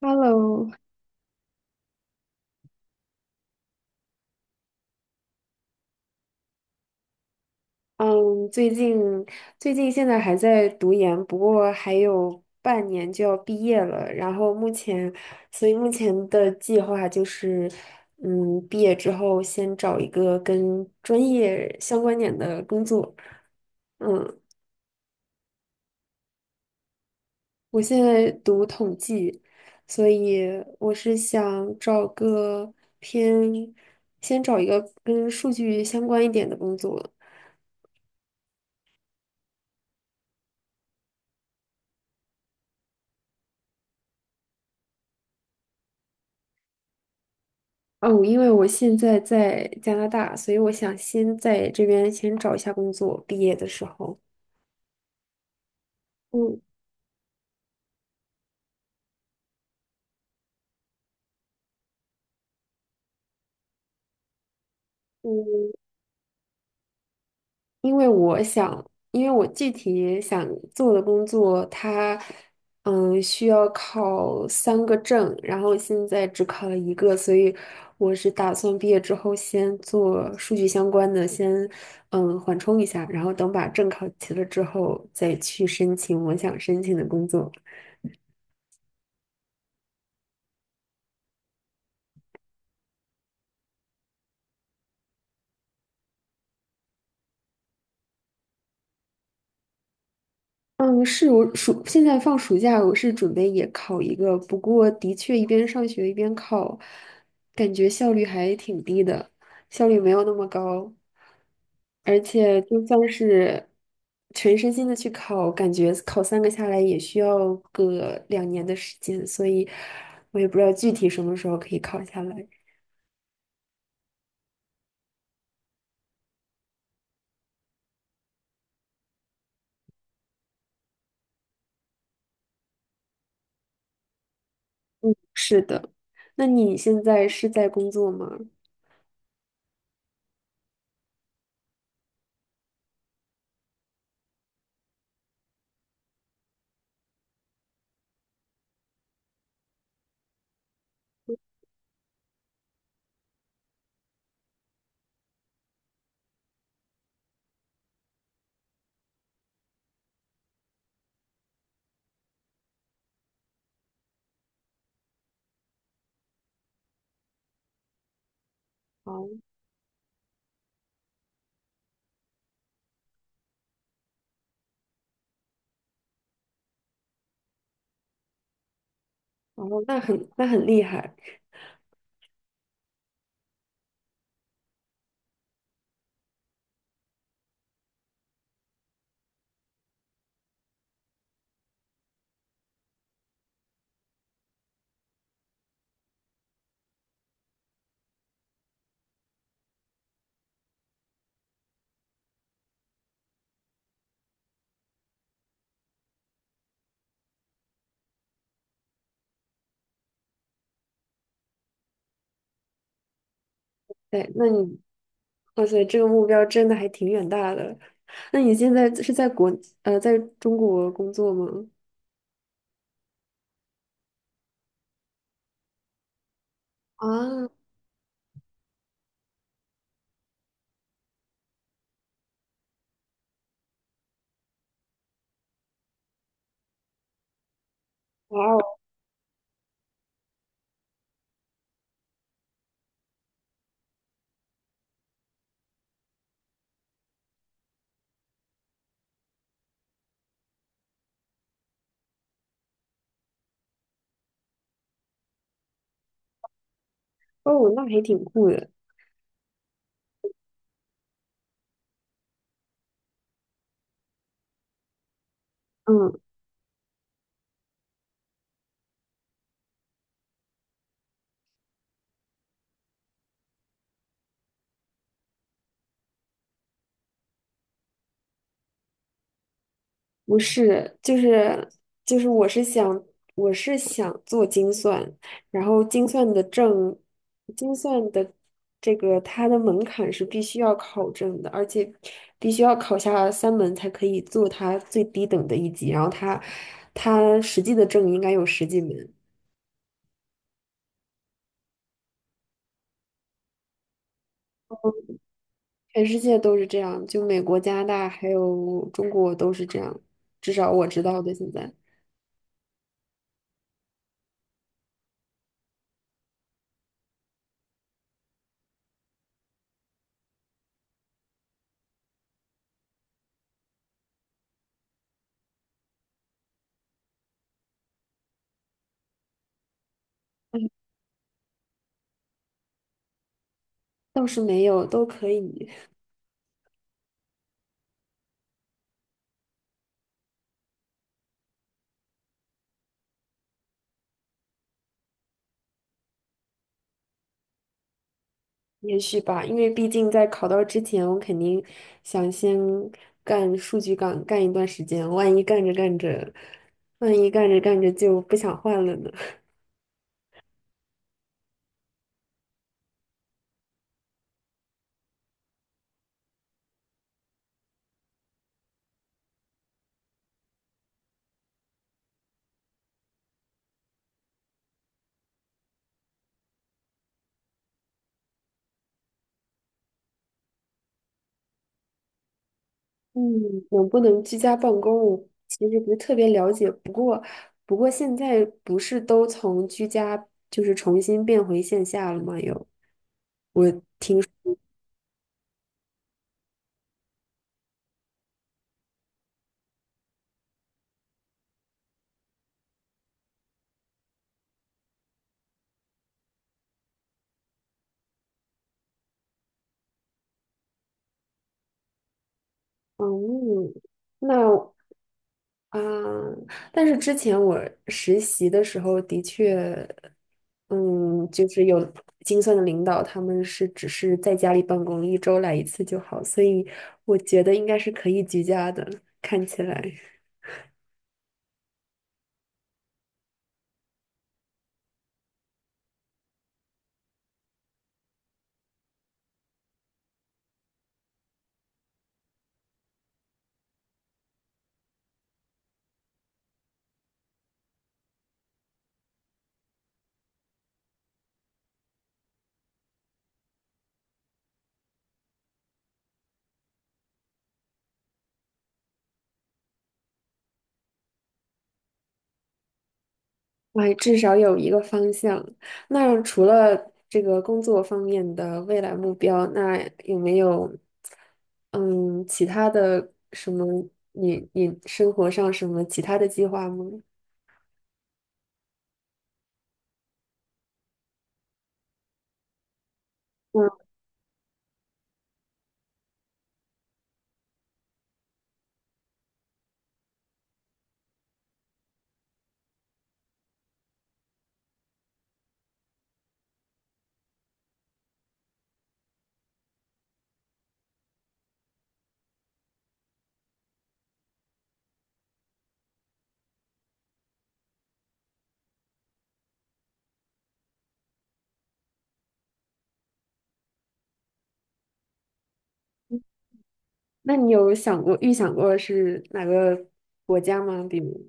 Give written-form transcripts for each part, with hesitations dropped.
Hello。嗯，最近最近现在还在读研，不过还有半年就要毕业了。然后目前，所以目前的计划就是，毕业之后先找一个跟专业相关点的工作。嗯。我现在读统计，所以我是想找个偏，先找一个跟数据相关一点的工作。哦，因为我现在在加拿大，所以我想先在这边先找一下工作，毕业的时候。嗯嗯。因为我想，因为我具体想做的工作，它需要考3个证，然后现在只考了一个，所以我是打算毕业之后先做数据相关的，先缓冲一下，然后等把证考齐了之后再去申请我想申请的工作。嗯，是我现在放暑假，我是准备也考一个，不过的确一边上学一边考，感觉效率还挺低的，效率没有那么高，而且就算是全身心的去考，感觉考三个下来也需要个2年的时间，所以我也不知道具体什么时候可以考下来。是的，那你现在是在工作吗？哦。哦，那很厉害。对，哇塞，这个目标真的还挺远大的。那你现在是在中国工作吗？啊。哇哦。哦，那还挺酷的。嗯。不是，就是我是想做精算，然后精算的证，精算的这个它的门槛是必须要考证的，而且必须要考下3门才可以做它最低等的一级，然后它实际的证应该有十几门。全世界都是这样，就美国、加拿大还有中国都是这样，至少我知道的现在。嗯。倒是没有，都可以。也许吧，因为毕竟在考到之前，我肯定想先干数据岗干一段时间，万一干着干着就不想换了呢。嗯，能不能居家办公，我其实不是特别了解。不过现在不是都从居家就是重新变回线下了吗？又。嗯。那啊、但是之前我实习的时候的确，嗯，就是有精算的领导，他们是只是在家里办公，一周来一次就好，所以我觉得应该是可以居家的，看起来。哎，至少有一个方向。那除了这个工作方面的未来目标，那有没有嗯其他的什么你生活上什么其他的计划吗？嗯。你有预想过是哪个国家吗？比如。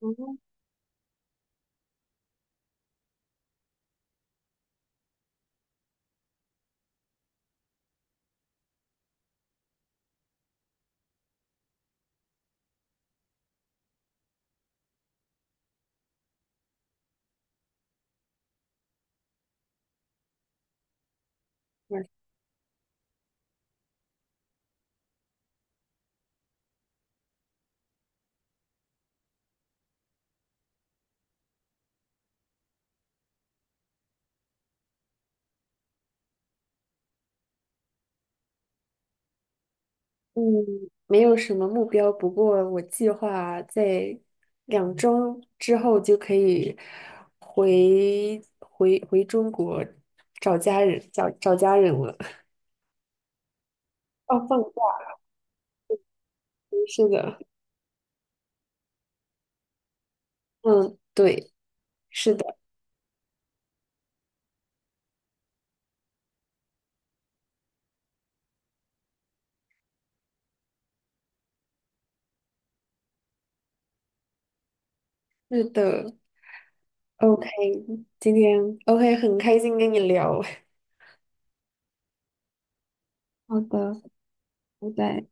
嗯，嗯，没有什么目标，不过我计划在2周之后就可以回中国，找家人了。哦，放假。是的。嗯，对，是的，是的。OK,今天 OK,很开心跟你聊。好的，拜拜。